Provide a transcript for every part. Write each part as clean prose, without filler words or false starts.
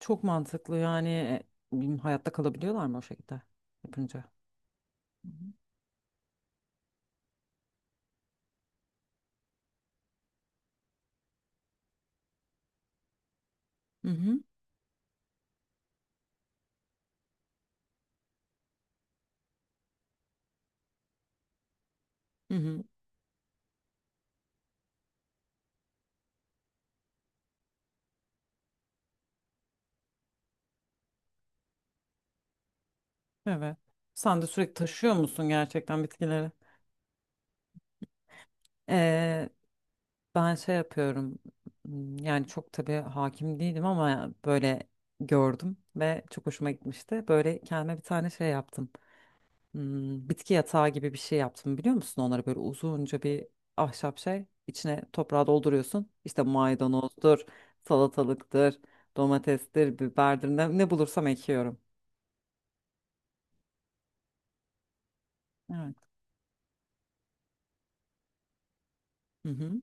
Çok mantıklı yani bilmiyorum, hayatta kalabiliyorlar mı o şekilde yapınca? Hı hı. Hı hı. Evet. Sen de sürekli taşıyor musun gerçekten bitkileri? Ee, ben şey yapıyorum. Yani çok tabii hakim değilim ama böyle gördüm ve çok hoşuma gitmişti. Böyle kendime bir tane şey yaptım. Hmm, bitki yatağı gibi bir şey yaptım biliyor musun? Onlara böyle uzunca bir ahşap şey içine toprağı dolduruyorsun. İşte maydanozdur, salatalıktır, domatestir, biberdir ne bulursam ekiyorum. Evet. Hı hı.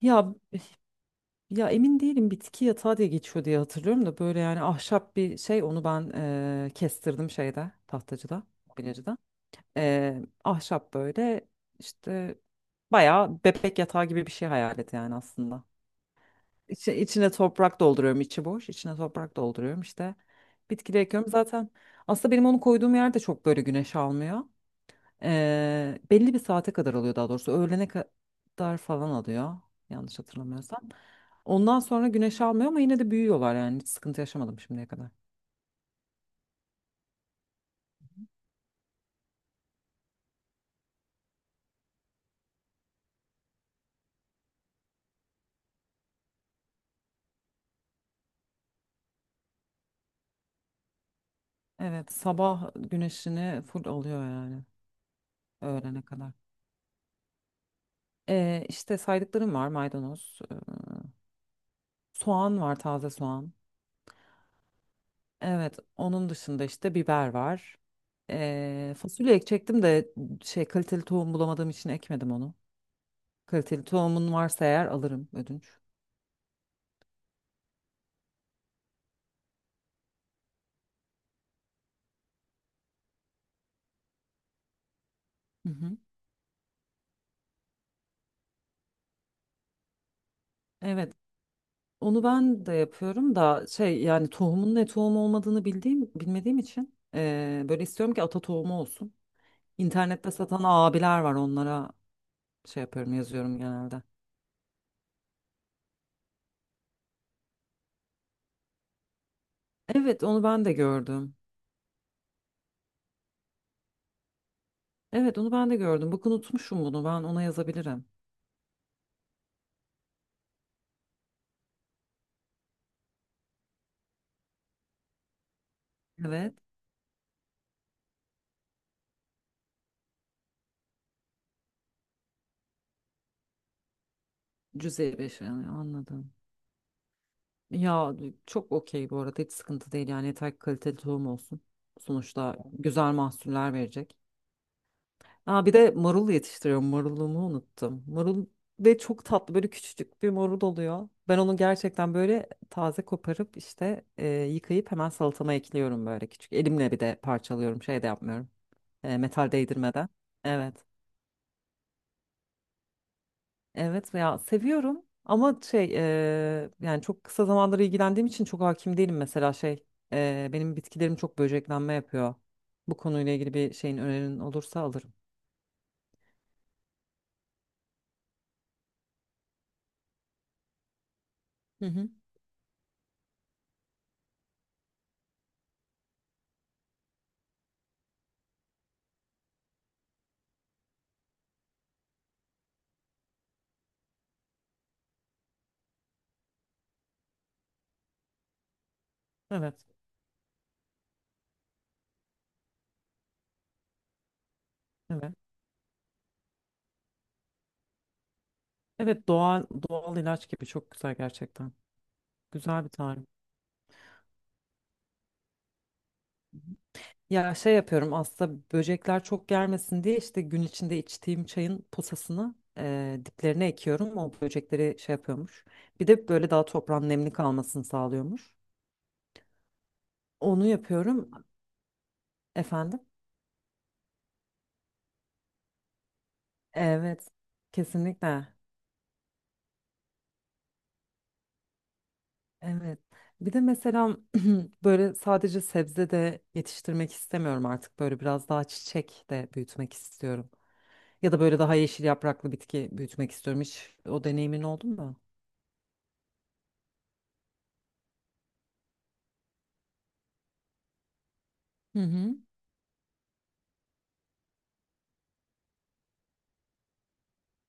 Ya ya emin değilim bitki yatağı diye geçiyor diye hatırlıyorum da böyle yani ahşap bir şey onu ben kestirdim şeyde tahtacıda, bilecide. Ahşap böyle işte bayağı bebek yatağı gibi bir şey hayal et yani aslında. İçine toprak dolduruyorum, içi boş. İçine toprak dolduruyorum, işte bitkileri ekiyorum. Zaten aslında benim onu koyduğum yer de çok böyle güneş almıyor. Belli bir saate kadar alıyor, daha doğrusu öğlene kadar falan alıyor, yanlış hatırlamıyorsam ondan sonra güneş almıyor, ama yine de büyüyorlar yani. Hiç sıkıntı yaşamadım şimdiye kadar. Evet, sabah güneşini full alıyor yani, öğlene kadar. İşte saydıklarım var, maydanoz, soğan var, taze soğan. Evet, onun dışında işte biber var. Fasulye ekecektim de şey, kaliteli tohum bulamadığım için ekmedim onu. Kaliteli tohumun varsa eğer alırım ödünç. Hı hı. Evet, onu ben de yapıyorum da şey, yani tohumun ne tohum olmadığını bildiğim bilmediğim için böyle istiyorum ki ata tohumu olsun. İnternette satan abiler var, onlara şey yapıyorum, yazıyorum genelde. Evet, onu ben de gördüm. Evet, onu ben de gördüm. Bakın unutmuşum bunu. Ben ona yazabilirim. Evet. Cüzey beşi yani, anladım. Ya çok okey bu arada, hiç sıkıntı değil yani, yeter ki kaliteli tohum olsun. Sonuçta güzel mahsuller verecek. Aa, bir de marul yetiştiriyorum. Marulumu unuttum. Marul, ve çok tatlı böyle küçücük bir marul oluyor. Ben onu gerçekten böyle taze koparıp işte yıkayıp hemen salatama ekliyorum, böyle küçük. Elimle bir de parçalıyorum, şey de yapmıyorum. Metal değdirmeden. Evet. Evet ya, seviyorum ama şey, yani çok kısa zamandır ilgilendiğim için çok hakim değilim, mesela şey, benim bitkilerim çok böceklenme yapıyor. Bu konuyla ilgili bir şeyin önerin olursa alırım. Hı hı. Evet, evet. Evet, doğal doğal ilaç gibi, çok güzel gerçekten. Güzel bir tarif. Ya şey yapıyorum aslında, böcekler çok gelmesin diye işte gün içinde içtiğim çayın posasını diplerine ekiyorum. O böcekleri şey yapıyormuş. Bir de böyle daha toprağın nemli kalmasını sağlıyormuş. Onu yapıyorum. Efendim? Evet, kesinlikle. Evet. Bir de mesela böyle sadece sebze de yetiştirmek istemiyorum artık. Böyle biraz daha çiçek de büyütmek istiyorum. Ya da böyle daha yeşil yapraklı bitki büyütmek istiyorum. Hiç o deneyimin oldu mu? Hı hı.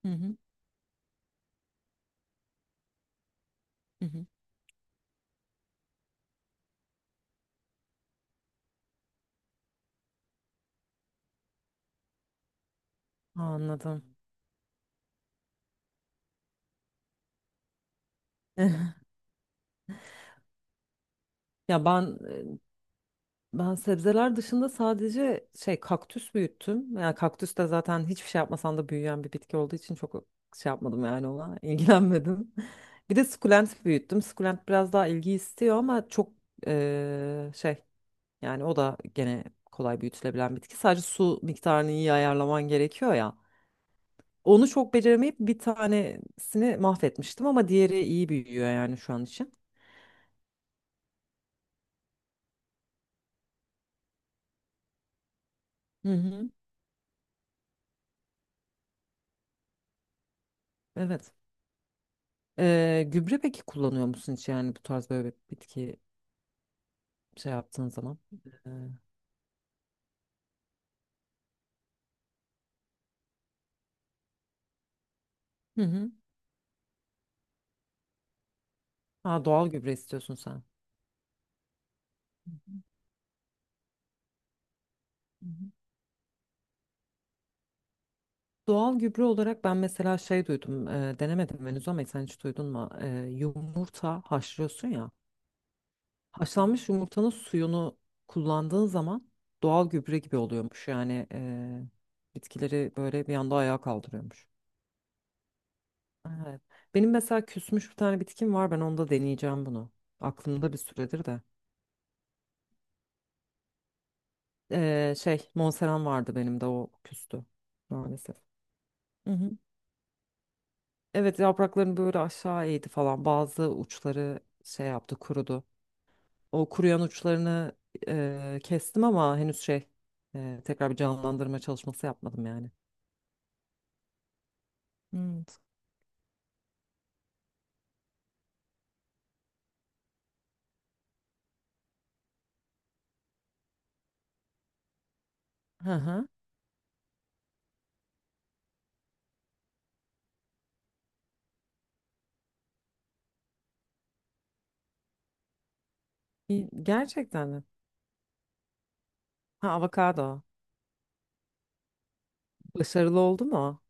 Hı hı. Hı hı. Anladım. Ya ben Ben sebzeler dışında sadece şey, kaktüs büyüttüm. Yani kaktüs de zaten hiçbir şey yapmasan da büyüyen bir bitki olduğu için çok şey yapmadım yani ona ilgilenmedim. Bir de sukulent büyüttüm. Sukulent biraz daha ilgi istiyor ama çok şey, yani o da gene kolay büyütülebilen bitki. Sadece su miktarını iyi ayarlaman gerekiyor ya. Onu çok beceremeyip bir tanesini mahvetmiştim ama diğeri iyi büyüyor yani şu an için. Hı hı. Evet. Gübre peki kullanıyor musun hiç, yani bu tarz böyle bitki şey yaptığın zaman. Ee, Hı hı. Ha, doğal gübre istiyorsun sen. Hı hı. Doğal gübre olarak ben mesela şey duydum, denemedim henüz ama sen hiç duydun mu? E, yumurta haşlıyorsun ya, haşlanmış yumurtanın suyunu kullandığın zaman doğal gübre gibi oluyormuş. Yani bitkileri böyle bir anda ayağa kaldırıyormuş. Evet. Benim mesela küsmüş bir tane bitkim var, ben onda deneyeceğim bunu. Aklımda bir süredir de. Şey, Monseram vardı benim de, o küstü maalesef. Hı hı. Evet, yapraklarını böyle aşağı eğdi falan. Bazı uçları şey yaptı, kurudu. O kuruyan uçlarını kestim ama henüz şey, tekrar bir canlandırma çalışması yapmadım yani. Evet. Hı hı. İyi, gerçekten mi? Ha, avokado. Başarılı oldu mu?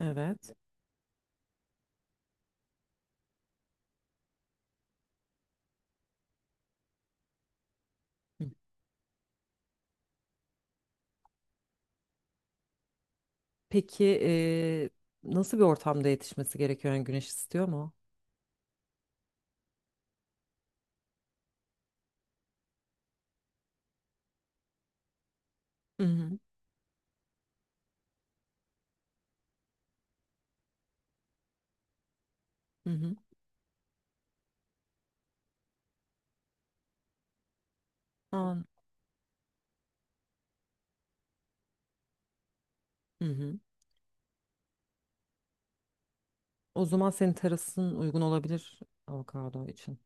Evet. Hı. Peki nasıl bir ortamda yetişmesi gerekiyor? Yani güneş istiyor mu? Hı hı. Hı hı. An. Hı hı. O zaman senin terasın uygun olabilir avokado için.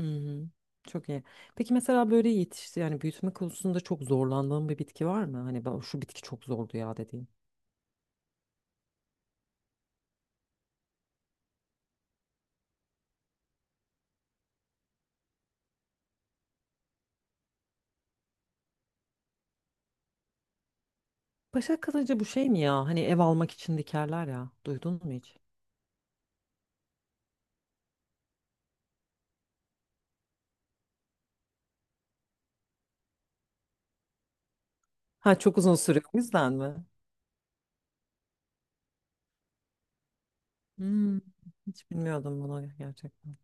Hı hı. Çok iyi. Peki mesela böyle yetişti yani, büyütme konusunda çok zorlandığın bir bitki var mı? Hani ben, şu bitki çok zordu ya dediğin. Başak kalıcı bu şey mi ya? Hani ev almak için dikerler ya. Duydun mu hiç? Ha, çok uzun sürüyor o yüzden mi? Hmm, hiç bilmiyordum bunu gerçekten.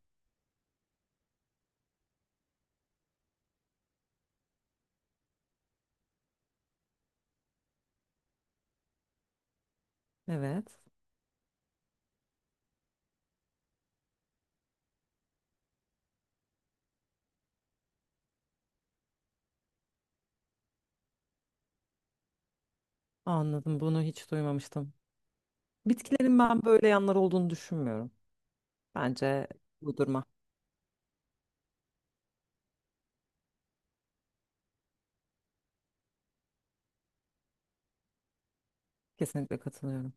Evet. Anladım. Bunu hiç duymamıştım. Bitkilerin ben böyle yanları olduğunu düşünmüyorum. Bence uydurma. Kesinlikle katılıyorum.